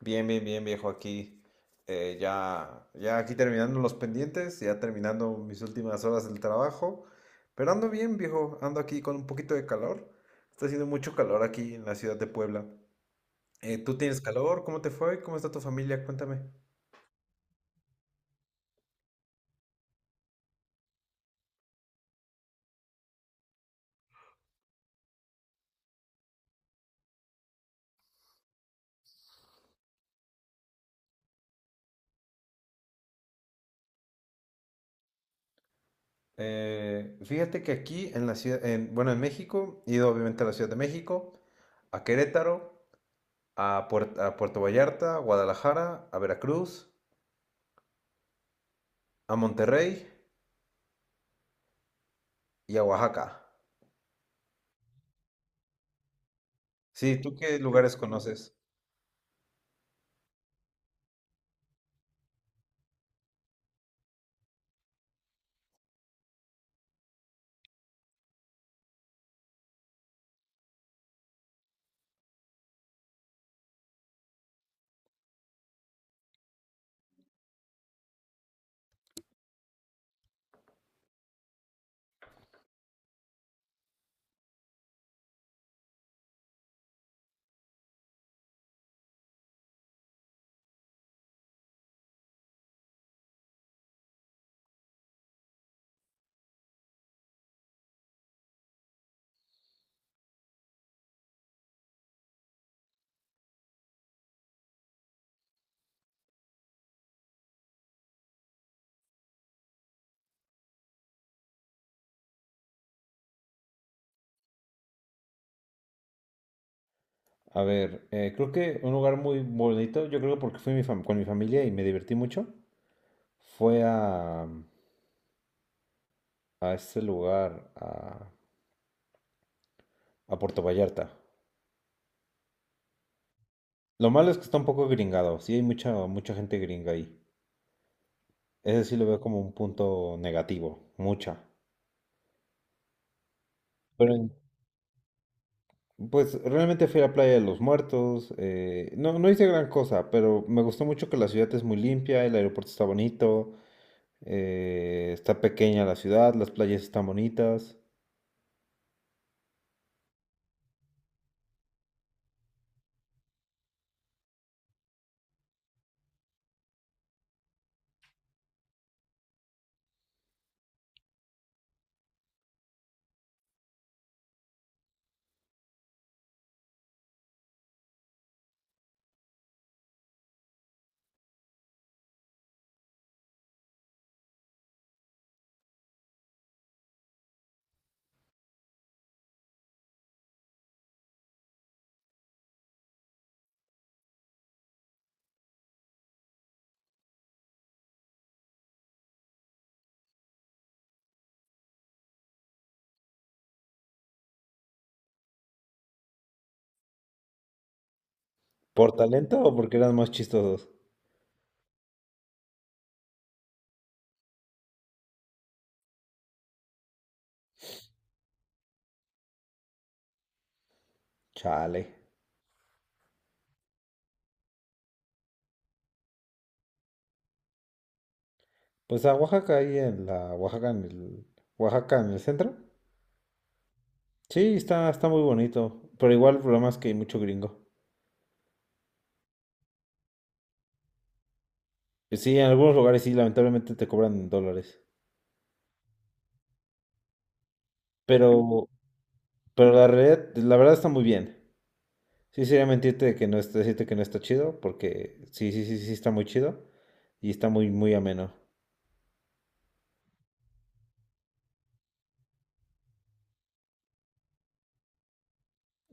Bien, bien, bien, viejo, aquí ya aquí terminando los pendientes, ya terminando mis últimas horas del trabajo, pero ando bien, viejo, ando aquí con un poquito de calor, está haciendo mucho calor aquí en la ciudad de Puebla. ¿Tú tienes calor? ¿Cómo te fue? ¿Cómo está tu familia? Cuéntame. Fíjate que aquí en la ciudad, en, bueno, en México, he ido obviamente a la Ciudad de México, a Querétaro, a, a Puerto Vallarta, a Guadalajara, a Veracruz, a Monterrey y a Oaxaca. Sí, ¿tú qué lugares conoces? A ver, creo que un lugar muy bonito, yo creo porque fui con mi familia y me divertí mucho, fue a este lugar, a Puerto Vallarta. Lo malo es que está un poco gringado, sí hay mucha, mucha gente gringa ahí. Ese sí lo veo como un punto negativo, mucha. Pero en- pues realmente fui a la Playa de los Muertos, no hice gran cosa, pero me gustó mucho que la ciudad es muy limpia, el aeropuerto está bonito, está pequeña la ciudad, las playas están bonitas. ¿Por talento o porque eran más chistosos? Chale. Pues a Oaxaca, ahí en la Oaxaca, en el centro. Sí, está muy bonito. Pero igual el problema es que hay mucho gringo. Y sí, en algunos lugares sí, lamentablemente te cobran en dólares. Pero, pero la realidad, la verdad está muy bien. Sí, sería mentirte de que no está, decirte que no está chido, porque sí, sí, sí, sí está muy chido. Y está muy, muy ameno.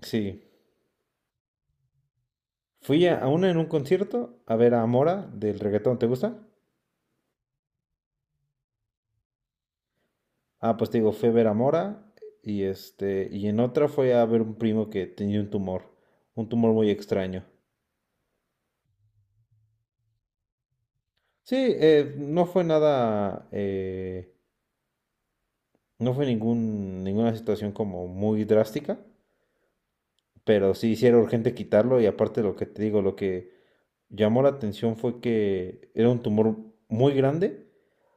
Sí. Fui a una en un concierto a ver a Mora del reggaetón, ¿te gusta? Ah, pues te digo, fui a ver a Mora y este, y en otra fue a ver un primo que tenía un tumor muy extraño. Sí, no fue nada, no fue ningún, ninguna situación como muy drástica, pero sí, sí era urgente quitarlo y aparte lo que te digo, lo que llamó la atención fue que era un tumor muy grande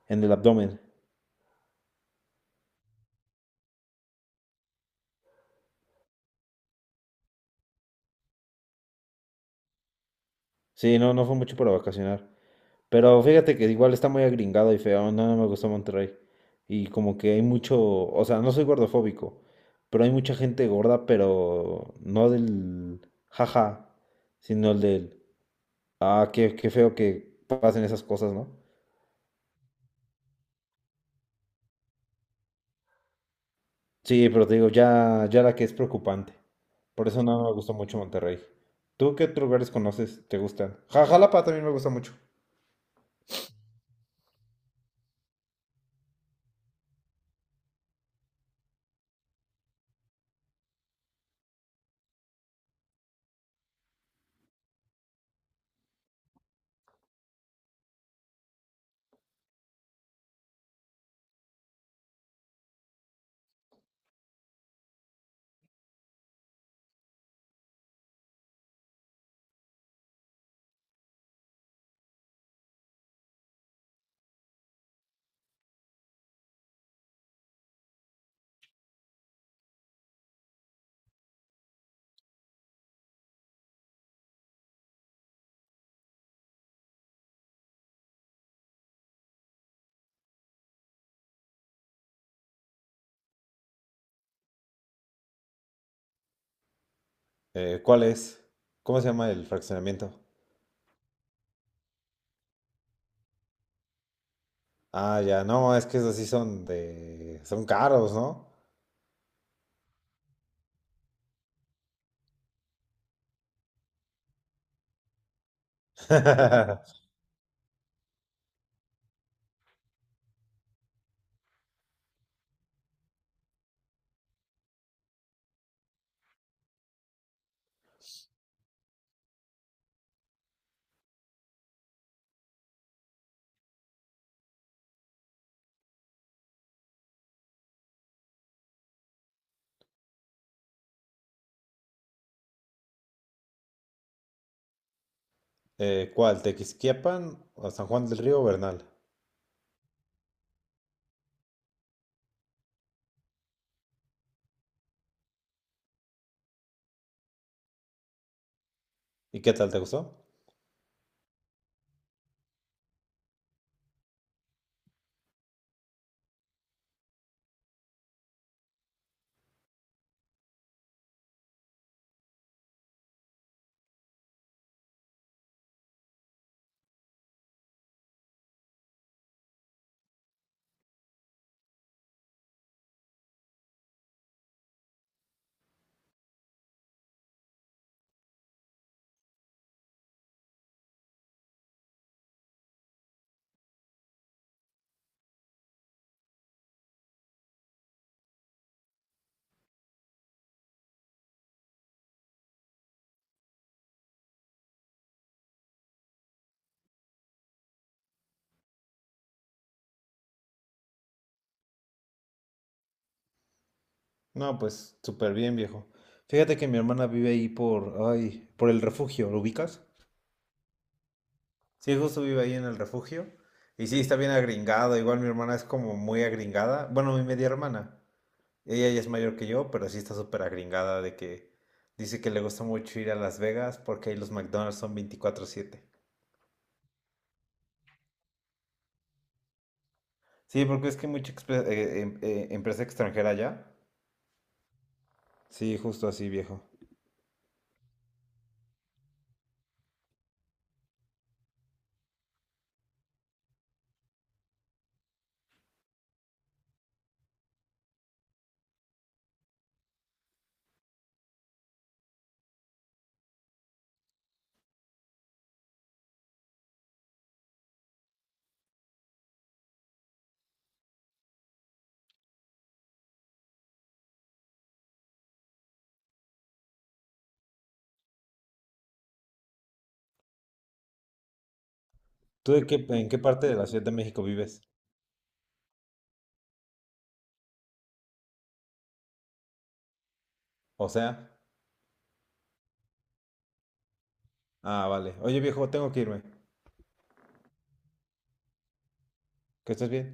en el abdomen. Sí, no, no fue mucho para vacacionar. Pero fíjate que igual está muy agringado y feo, no, no me gustó Monterrey. Y como que hay mucho, o sea, no soy gordofóbico, pero hay mucha gente gorda, pero no del jaja, sino el del, ah, qué, qué feo que pasen esas cosas, ¿no? Sí, pero te digo, ya la que es preocupante. Por eso no me gustó mucho Monterrey. ¿Tú qué otros lugares conoces? ¿Te gustan? Jalapa también me gusta mucho. ¿Cuál es? ¿Cómo se llama el fraccionamiento? Ah, ya, no, es que esos sí son de, son caros, ¿no? ¿Cuál? ¿Tequisquiapan o San Juan del Río o Bernal? ¿Y qué tal te gustó? No, pues súper bien, viejo. Fíjate que mi hermana vive ahí por, ay, por el refugio, ¿lo ubicas? Sí, justo vive ahí en el refugio. Y sí, está bien agringada. Igual mi hermana es como muy agringada. Bueno, mi media hermana. Ella ya es mayor que yo, pero sí está súper agringada de que dice que le gusta mucho ir a Las Vegas porque ahí los McDonald's son 24/7. Sí, porque es que hay mucha empresa extranjera allá. Sí, justo así, viejo. ¿En qué parte de la Ciudad de México vives? O sea, ah, vale. Oye, viejo, tengo que irme. Que estés bien.